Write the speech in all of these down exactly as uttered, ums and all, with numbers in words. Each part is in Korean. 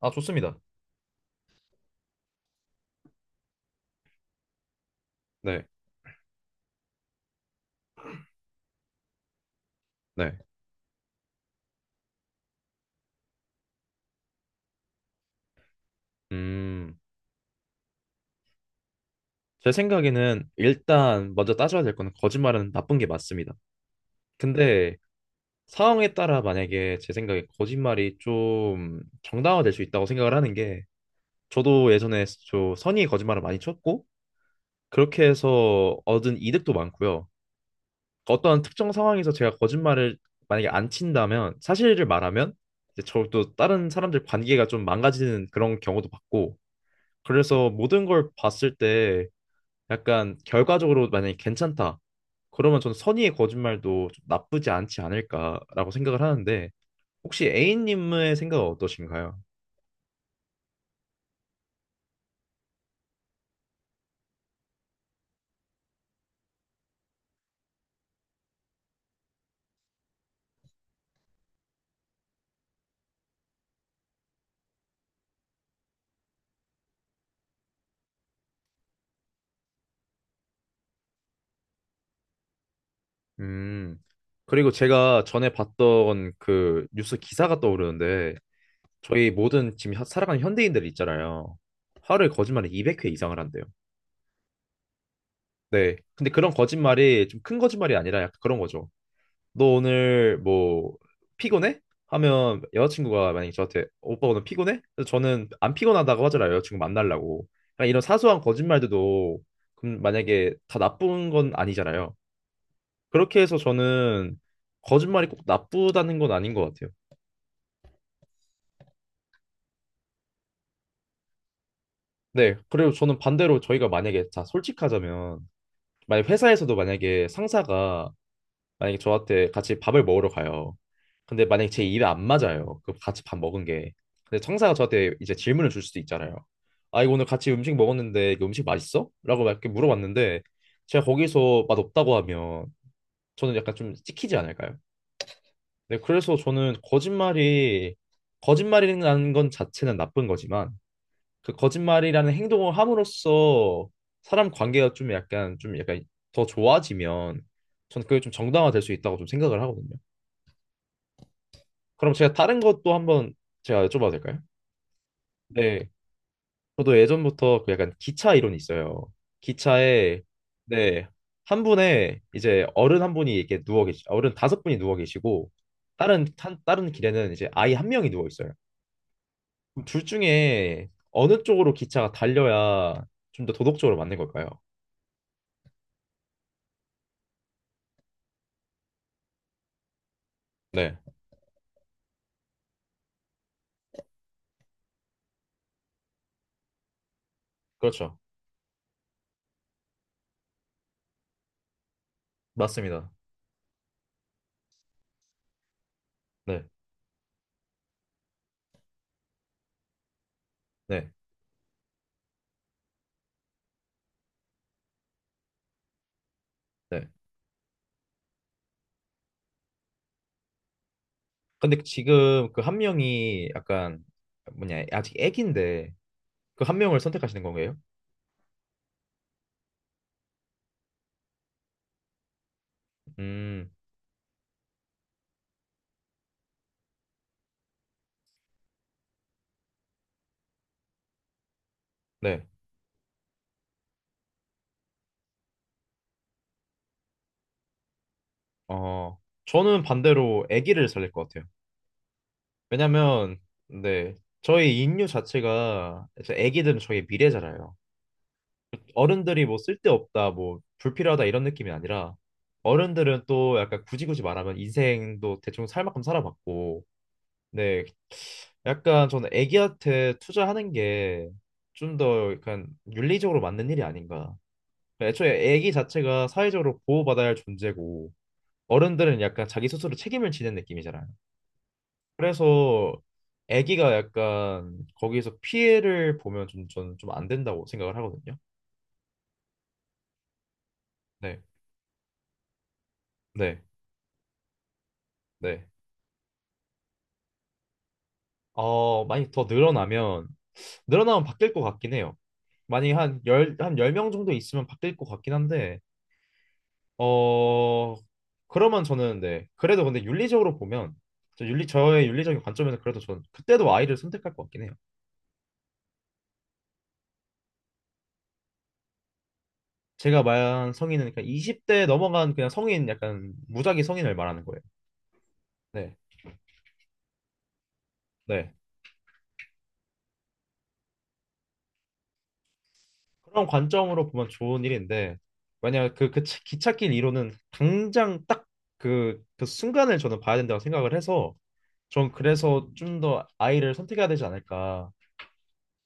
아, 좋습니다. 네, 네. 음, 제 생각에는 일단 먼저 따져야 될 거는 거짓말은 나쁜 게 맞습니다. 근데 상황에 따라 만약에 제 생각에 거짓말이 좀 정당화될 수 있다고 생각을 하는 게 저도 예전에 저 선의의 거짓말을 많이 쳤고 그렇게 해서 얻은 이득도 많고요. 어떤 특정 상황에서 제가 거짓말을 만약에 안 친다면 사실을 말하면 이제 저또 다른 사람들 관계가 좀 망가지는 그런 경우도 봤고 그래서 모든 걸 봤을 때 약간 결과적으로 만약에 괜찮다. 그러면 저는 선의의 거짓말도 좀 나쁘지 않지 않을까라고 생각을 하는데 혹시 A님의 생각은 어떠신가요? 음. 그리고 제가 전에 봤던 그 뉴스 기사가 떠오르는데 저희 모든 지금 하- 살아가는 현대인들 있잖아요. 하루에 거짓말을 이백 회 이상을 한대요. 네. 근데 그런 거짓말이 좀 큰 거짓말이 아니라 약간 그런 거죠. 너 오늘 뭐 피곤해? 하면 여자친구가 만약에 저한테 오빠 오늘 피곤해? 그래서 저는 안 피곤하다고 하잖아요. 여자친구 만나려고. 그러니까 이런 사소한 거짓말들도 그럼 만약에 다 나쁜 건 아니잖아요. 그렇게 해서 저는 거짓말이 꼭 나쁘다는 건 아닌 것 같아요. 네. 그리고 저는 반대로 저희가 만약에 자 솔직하자면 만약 회사에서도 만약에 상사가 만약에 저한테 같이 밥을 먹으러 가요. 근데 만약에 제 입에 안 맞아요. 그 같이 밥 먹은 게. 근데 청사가 저한테 이제 질문을 줄 수도 있잖아요. 아, 이거 오늘 같이 음식 먹었는데 이거 음식 맛있어? 라고 막 이렇게 물어봤는데 제가 거기서 맛없다고 하면 저는 약간 좀 찍히지 않을까요? 네, 그래서 저는 거짓말이 거짓말이라는 건 자체는 나쁜 거지만 그 거짓말이라는 행동을 함으로써 사람 관계가 좀 약간 좀 약간 더 좋아지면 저는 그게 좀 정당화될 수 있다고 좀 생각을 하거든요. 그럼 제가 다른 것도 한번 제가 여쭤봐도 될까요? 네. 저도 예전부터 그 약간 기차 이론이 있어요. 기차에 네. 한 분에 이제 어른 한 분이 이렇게 누워 계시, 어른 다섯 분이 누워 계시고 다른 한, 다른 길에는 이제 아이 한 명이 누워 있어요. 그럼 둘 중에 어느 쪽으로 기차가 달려야 좀 더 도덕적으로 맞는 걸까요? 네. 그렇죠. 맞습니다. 네. 네. 네. 근데 지금 그 한 명이 약간 뭐냐 아직 애기인데 그 한 명을 선택하시는 건가요? 음, 네. 어, 저는 반대로 아기를 살릴 것 같아요. 왜냐면, 네. 저희 인류 자체가, 이제 아기들은 저희 미래잖아요. 어른들이 뭐 쓸데없다, 뭐 불필요하다 이런 느낌이 아니라, 어른들은 또 약간 굳이 굳이 말하면 인생도 대충 살 만큼 살아봤고, 네. 약간 저는 아기한테 투자하는 게 좀 더 약간 윤리적으로 맞는 일이 아닌가. 그러니까 애초에 아기 자체가 사회적으로 보호받아야 할 존재고, 어른들은 약간 자기 스스로 책임을 지는 느낌이잖아요. 그래서 아기가 약간 거기에서 피해를 보면 좀 저는 좀 안 된다고 생각을 하거든요. 네, 네, 네. 어, 많이 더 늘어나면 늘어나면 바뀔 것 같긴 해요. 만약에 한 열, 한 열 명 정도 있으면 바뀔 것 같긴 한데 어, 그러면 저는 네. 그래도 근데 윤리적으로 보면 저 윤리 저의 윤리적인 관점에서 그래도 저는 그때도 아이를 선택할 것 같긴 해요. 제가 말한 성인은 그냥 이십 대 넘어간 그냥 성인 약간 무작위 성인을 말하는 거예요. 네. 네. 그런 관점으로 보면 좋은 일인데 만약 그, 그 차- 기찻길 이론은 당장 딱 그, 그 순간을 저는 봐야 된다고 생각을 해서 전 그래서 좀 더 아이를 선택해야 되지 않을까.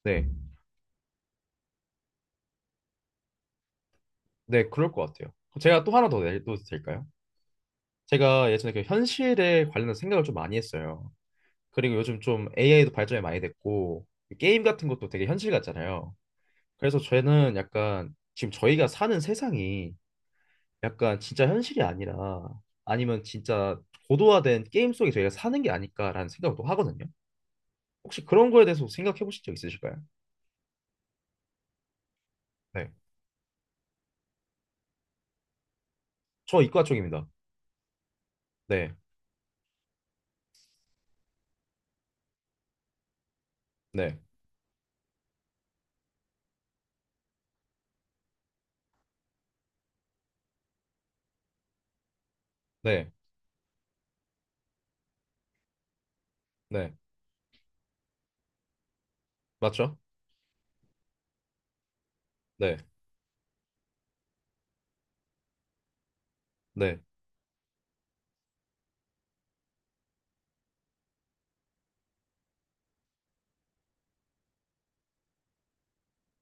네. 네, 그럴 것 같아요. 제가 또 하나 더 내도 될까요? 제가 예전에 그 현실에 관련된 생각을 좀 많이 했어요. 그리고 요즘 좀 에이아이도 발전이 많이 됐고 게임 같은 것도 되게 현실 같잖아요. 그래서 저는 약간 지금 저희가 사는 세상이 약간 진짜 현실이 아니라 아니면 진짜 고도화된 게임 속에 저희가 사는 게 아닐까라는 생각도 하거든요. 혹시 그런 거에 대해서 생각해 보신 적 있으실까요? 네. 저 이과 쪽입니다. 네. 네. 네. 네. 맞죠? 네. 네.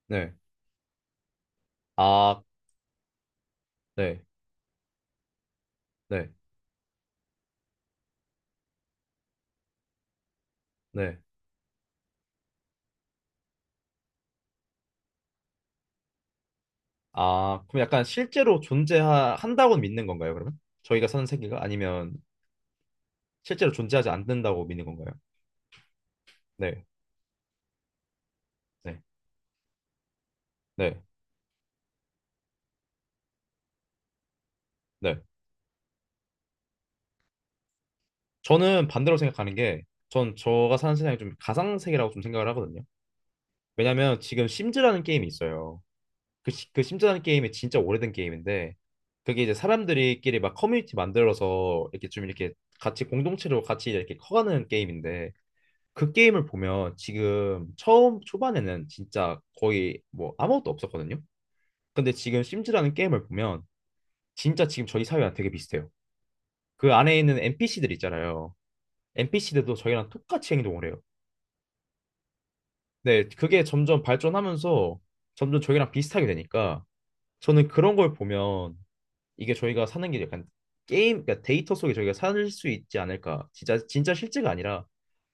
네. 아, 네. 네. 네. 아, 그럼 약간 실제로 존재한다고 믿는 건가요, 그러면? 저희가 사는 세계가 아니면 실제로 존재하지 않는다고 믿는 건가요? 네. 네. 네. 네. 저는 반대로 생각하는 게, 전 저가 사는 세상이 좀 가상세계라고 좀 생각을 하거든요. 왜냐면 지금 심즈라는 게임이 있어요. 그, 시- 그 심즈라는 게임이 진짜 오래된 게임인데, 그게 이제 사람들끼리 막 커뮤니티 만들어서 이렇게 좀 이렇게 같이 공동체로 같이 이렇게 커가는 게임인데, 그 게임을 보면 지금 처음 초반에는 진짜 거의 뭐 아무것도 없었거든요. 근데 지금 심즈라는 게임을 보면 진짜 지금 저희 사회랑 되게 비슷해요. 그 안에 있는 엔피씨들 있잖아요. 엔피씨들도 저희랑 똑같이 행동을 해요. 네, 그게 점점 발전하면서 점점 저희랑 비슷하게 되니까 저는 그런 걸 보면 이게 저희가 사는 게 약간 게임, 그러니까 데이터 속에 저희가 살 수 있지 않을까. 진짜, 진짜 실제가 아니라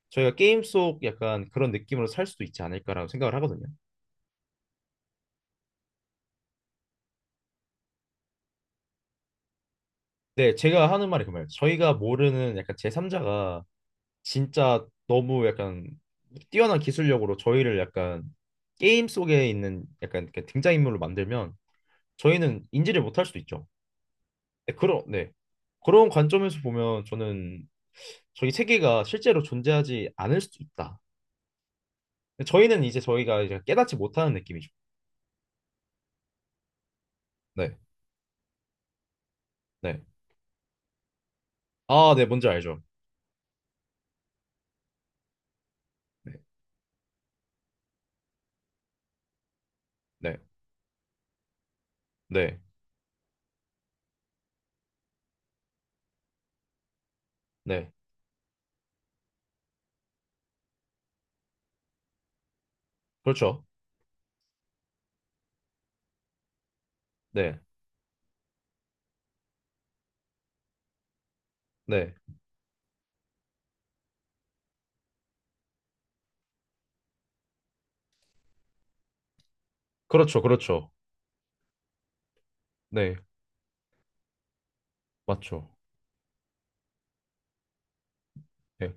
저희가 게임 속 약간 그런 느낌으로 살 수도 있지 않을까라고 생각을 하거든요. 네, 제가 하는 말이 그 말이에요. 저희가 모르는 약간 제삼자가 진짜 너무 약간 뛰어난 기술력으로 저희를 약간 게임 속에 있는 약간 그 등장인물로 만들면 저희는 인지를 못할 수도 있죠. 네, 그런 네 그런 관점에서 보면 저는 저희 세계가 실제로 존재하지 않을 수도 있다. 저희는 이제 저희가 이제 깨닫지 못하는 느낌이죠. 네, 네. 아, 네, 뭔지 알죠. 네, 네, 네, 네. 그렇죠. 네, 네. 그렇죠, 그렇죠. 네, 맞죠. 네.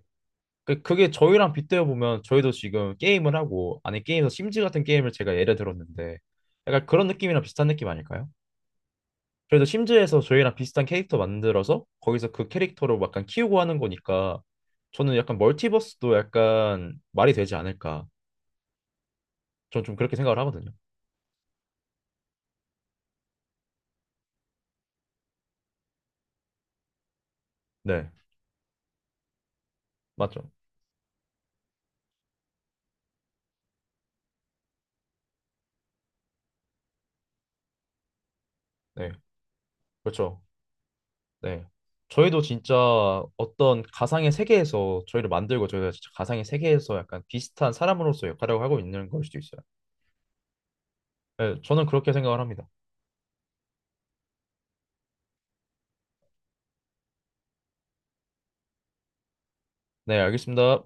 그, 그게 저희랑 빗대어 보면 저희도 지금 게임을 하고, 아니, 게임에서 심즈 같은 게임을 제가 예를 들었는데, 약간 그런 느낌이랑 비슷한 느낌 아닐까요? 그래서 심즈에서 저희랑 비슷한 캐릭터 만들어서 거기서 그 캐릭터로 약간 키우고 하는 거니까 저는 약간 멀티버스도 약간 말이 되지 않을까. 저는 좀 그렇게 생각을 하거든요. 네, 맞죠. 네, 그렇죠. 네. 저희도 진짜 어떤 가상의 세계에서 저희를 만들고 저희가 진짜 가상의 세계에서 약간 비슷한 사람으로서 역할을 하고 있는 걸 수도 있어요. 네, 저는 그렇게 생각을 합니다. 네, 알겠습니다.